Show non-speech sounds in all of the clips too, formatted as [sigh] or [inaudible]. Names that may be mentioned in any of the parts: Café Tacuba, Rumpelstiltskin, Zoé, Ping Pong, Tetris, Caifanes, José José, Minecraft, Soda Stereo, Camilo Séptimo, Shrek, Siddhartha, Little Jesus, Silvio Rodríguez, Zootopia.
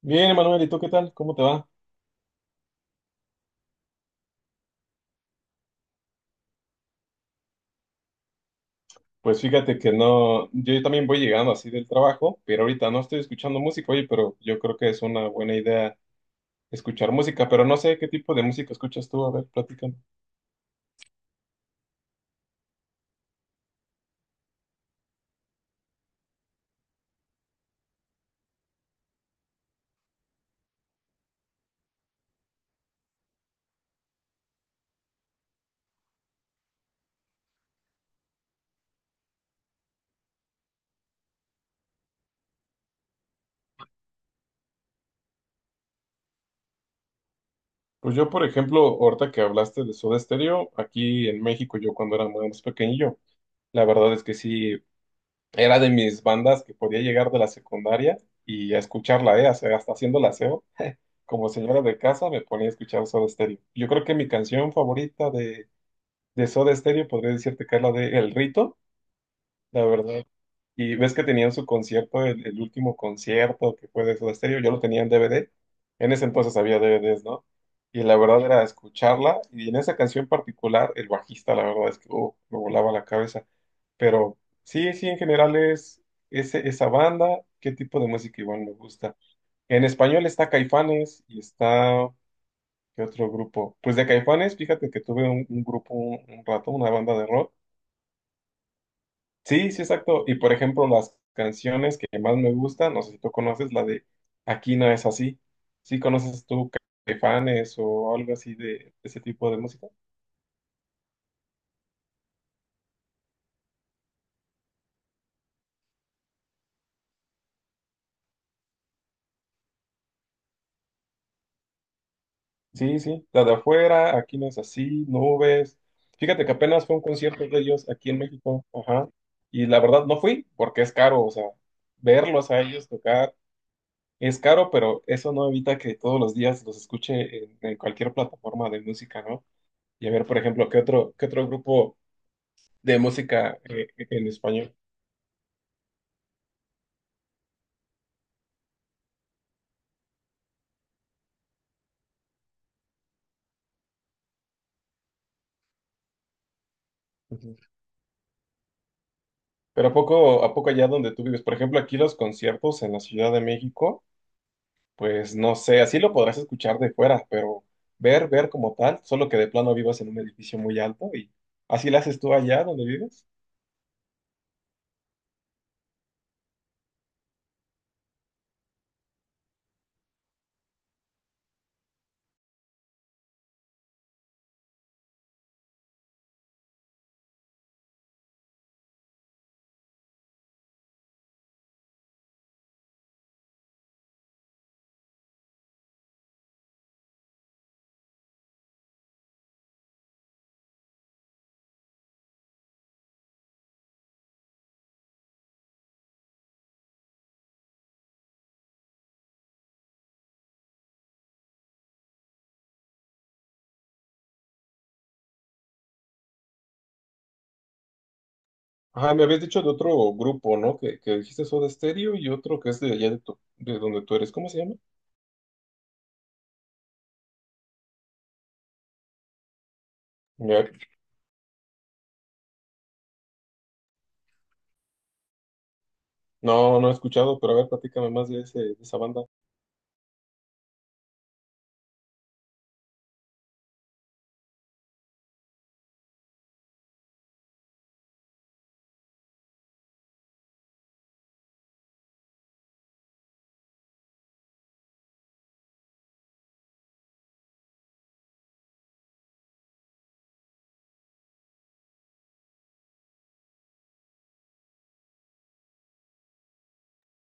Bien, Emanuel, ¿y tú qué tal? ¿Cómo te va? Pues fíjate que no, yo también voy llegando así del trabajo, pero ahorita no estoy escuchando música, oye, pero yo creo que es una buena idea escuchar música, pero no sé qué tipo de música escuchas tú, a ver, platícame. Pues yo, por ejemplo, ahorita que hablaste de Soda Stereo, aquí en México, yo cuando era más pequeñillo, la verdad es que sí, era de mis bandas que podía llegar de la secundaria y a escucharla, ¿eh? O sea, hasta haciendo el aseo, como señora de casa me ponía a escuchar Soda Stereo. Yo creo que mi canción favorita de Soda Stereo, podría decirte que es la de El Rito, la verdad. Y ves que tenían su concierto, el último concierto que fue de Soda Stereo, yo lo tenía en DVD. En ese entonces había DVDs, ¿no? Y la verdad era escucharla, y en esa canción particular, el bajista, la verdad es que me volaba la cabeza. Pero sí, sí, en general es esa banda, qué tipo de música igual me gusta. En español está Caifanes y está, ¿qué otro grupo? Pues de Caifanes, fíjate que tuve un grupo un rato, una banda de rock. Sí, sí, exacto. Y por ejemplo, las canciones que más me gustan, no sé si tú conoces la de Aquí no es así. ¿Sí conoces tú Caifanes o algo así de, ese tipo de música? Sí, sí, la de afuera, Aquí no es así, Nubes. Fíjate que apenas fue un concierto de ellos aquí en México, ajá. Y la verdad no fui porque es caro, o sea, verlos a ellos tocar es caro, pero eso no evita que todos los días los escuche en cualquier plataforma de música, ¿no? Y a ver, por ejemplo, ¿qué otro grupo de música en español? Ujú. Pero a poco allá donde tú vives, por ejemplo, aquí los conciertos en la Ciudad de México, pues no sé, así lo podrás escuchar de fuera, pero ver como tal, solo que de plano vivas en un edificio muy alto y así lo haces tú allá donde vives. Ajá, me habías dicho de otro grupo, ¿no? Que dijiste Soda Stereo y otro que es de allá de, de donde tú eres. ¿Cómo se llama? Ya- No, no he escuchado, pero a ver, platícame más de ese, de esa banda.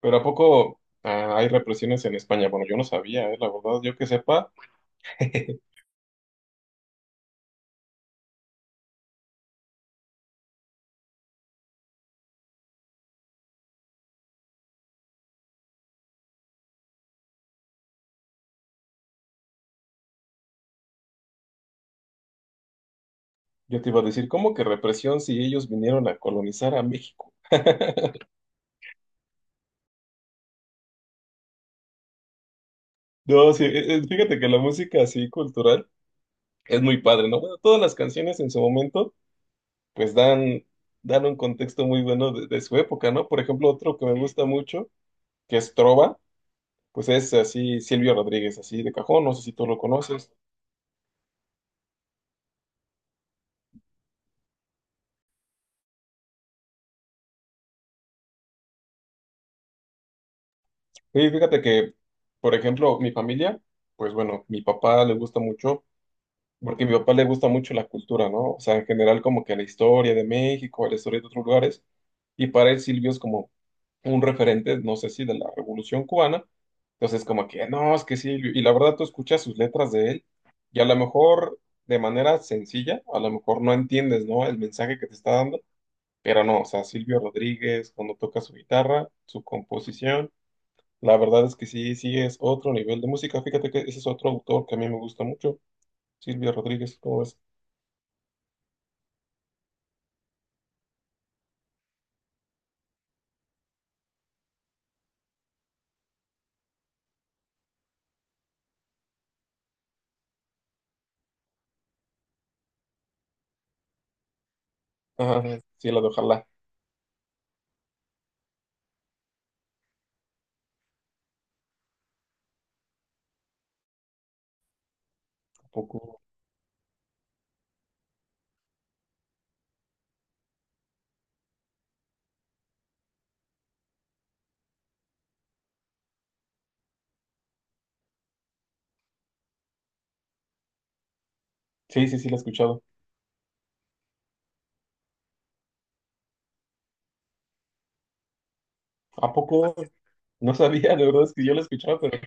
Pero ¿a poco hay represiones en España? Bueno, yo no sabía, la verdad, yo que sepa, [laughs] yo te iba a decir, ¿cómo que represión si ellos vinieron a colonizar a México? No, sí, fíjate que la música así cultural es muy padre, ¿no? Bueno, todas las canciones en su momento, pues dan, dan un contexto muy bueno de su época, ¿no? Por ejemplo, otro que me gusta mucho, que es Trova, pues es así Silvio Rodríguez, así de cajón, no sé si tú lo conoces. Sí, fíjate que, por ejemplo, mi familia, pues bueno, mi papá le gusta mucho, porque a mi papá le gusta mucho la cultura, ¿no? O sea, en general como que la historia de México, la historia de otros lugares, y para él Silvio es como un referente, no sé si de la Revolución Cubana, entonces como que, no, es que Silvio, y la verdad tú escuchas sus letras de él, y a lo mejor de manera sencilla, a lo mejor no entiendes, ¿no? El mensaje que te está dando, pero no, o sea, Silvio Rodríguez, cuando toca su guitarra, su composición, la verdad es que sí, sí es otro nivel de música, fíjate que ese es otro autor que a mí me gusta mucho, Silvio Rodríguez, ¿cómo ves? Ajá, sí, la de Ojalá. ¿A poco? Sí, sí, sí, la he escuchado. ¿A poco? No sabía, de verdad es que yo la escuchaba, pero...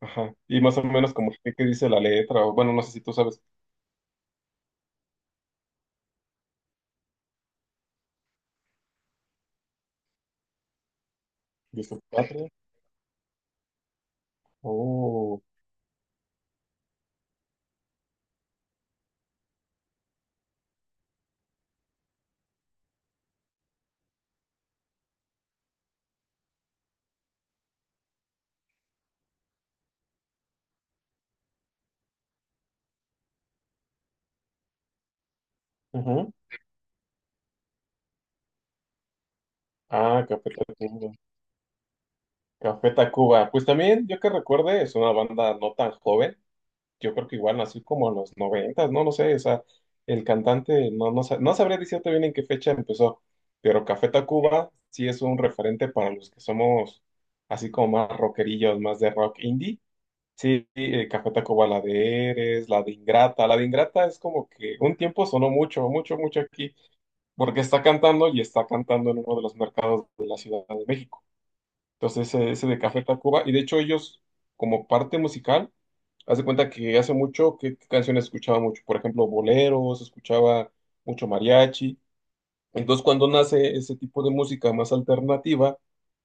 Ajá. Y más o menos como que qué dice la letra, o bueno, no sé si tú sabes. Dice patria. Oh. Ajá. Ah, Café Tacuba. Café Tacuba. Pues también, yo que recuerde, es una banda no tan joven. Yo creo que igual nació como en los noventas, no lo sé, o sea, el cantante, no sabría decirte bien en qué fecha empezó, pero Café Tacuba sí es un referente para los que somos así como más rockerillos, más de rock indie. Sí, Café Tacuba, la de Eres, la de Ingrata es como que un tiempo sonó mucho, mucho, mucho aquí, porque está cantando y está cantando en uno de los mercados de la Ciudad de México. Entonces, ese de Café Tacuba, y de hecho ellos como parte musical, haz de cuenta que hace mucho, ¿qué canciones escuchaba mucho? Por ejemplo, boleros, escuchaba mucho mariachi. Entonces, cuando nace ese tipo de música más alternativa,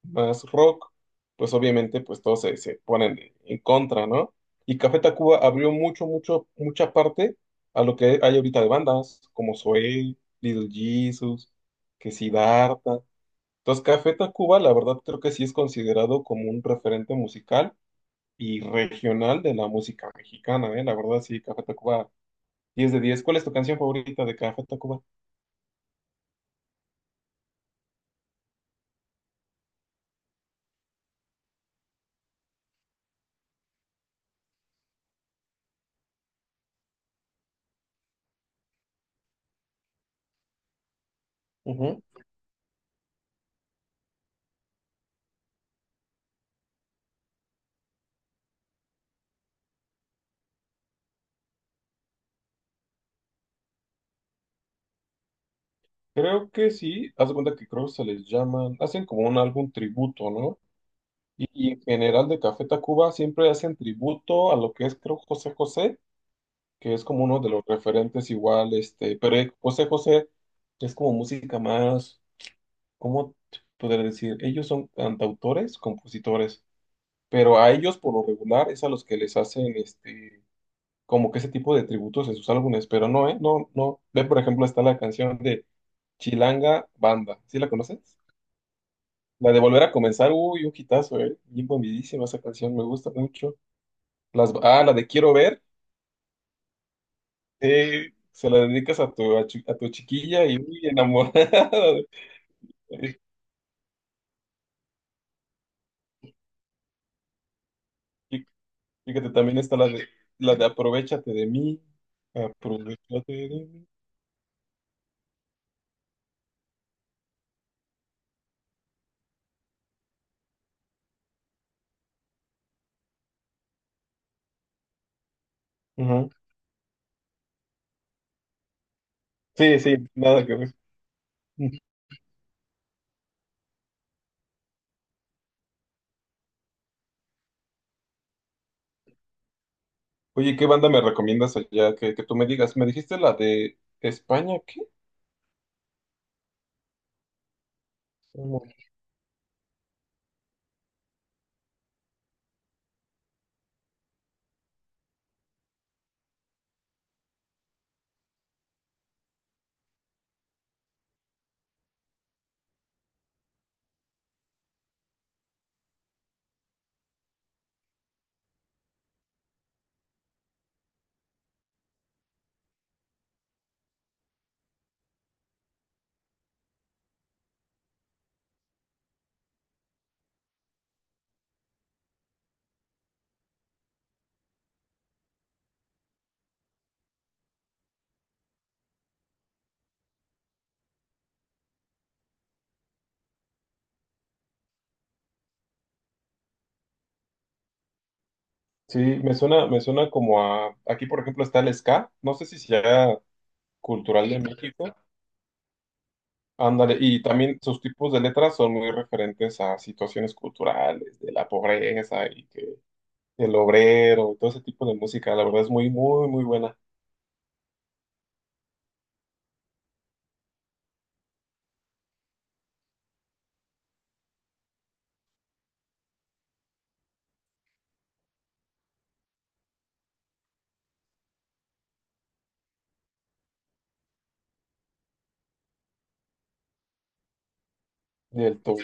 más rock, pues obviamente pues todos se ponen en contra, ¿no? Y Café Tacuba abrió mucho, mucho, mucha parte a lo que hay ahorita de bandas, como Zoé, Little Jesus, que Siddhartha. Entonces, Café Tacuba, la verdad, creo que sí es considerado como un referente musical y regional de la música mexicana, ¿eh? La verdad, sí, Café Tacuba, diez de diez. ¿Cuál es tu canción favorita de Café Tacuba? Ujú. Creo que sí, haz de cuenta que creo que se les llaman, hacen como un álbum tributo, ¿no? Y en general de Café Tacuba siempre hacen tributo a lo que es, creo, José José, que es como uno de los referentes igual, este, pero José José es como música más, ¿cómo te podría decir? Ellos son cantautores, compositores, pero a ellos por lo regular es a los que les hacen, este, como que ese tipo de tributos en sus álbumes, pero no, ¿eh? No, no. Ve, por ejemplo, está la canción de Chilanga Banda. ¿Sí la conoces? La de Volver a Comenzar, uy, un hitazo, ¿eh? Bien bombidísima esa canción, me gusta mucho. Las, ah, la de Quiero Ver, se la dedicas a tu, a, a tu chiquilla y uy, enamorada. [laughs] Fí- Fíjate, también está la de Aprovechate de mí. Aprovechate de mí. Ujú. Sí, sí, nada que ver. Oye, ¿qué banda me recomiendas allá? Que tú me digas. ¿Me dijiste la de España? ¿Qué? ¿Cómo? Sí, me suena como a... Aquí, por ejemplo, está el ska. No sé si sea cultural de México. Ándale, y también sus tipos de letras son muy referentes a situaciones culturales, de la pobreza y que el obrero, y todo ese tipo de música. La verdad es muy, muy, muy buena. Del todo.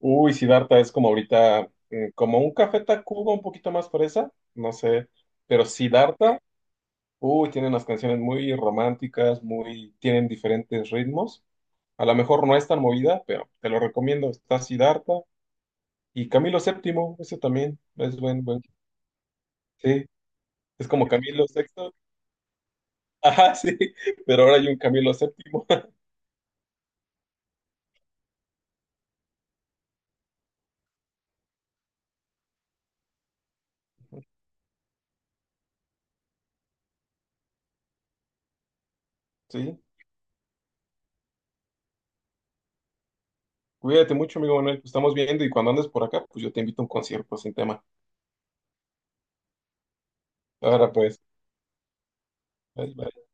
Uy, Siddhartha es como ahorita, mm, como un Café Tacuba un poquito más fresa, no sé. Pero Siddhartha uy, tienen unas canciones muy románticas, muy, tienen diferentes ritmos. A lo mejor no es tan movida, pero te lo recomiendo. Está Siddhartha y Camilo Séptimo, ese también es buen, buen. Sí, es como Camilo Sexto. [laughs] Ajá, sí, pero ahora hay un Camilo Séptimo. [laughs] Sí, cuídate mucho, amigo Manuel. Pues estamos viendo y cuando andes por acá, pues yo te invito a un concierto sin tema. Ahora pues, bye, bye.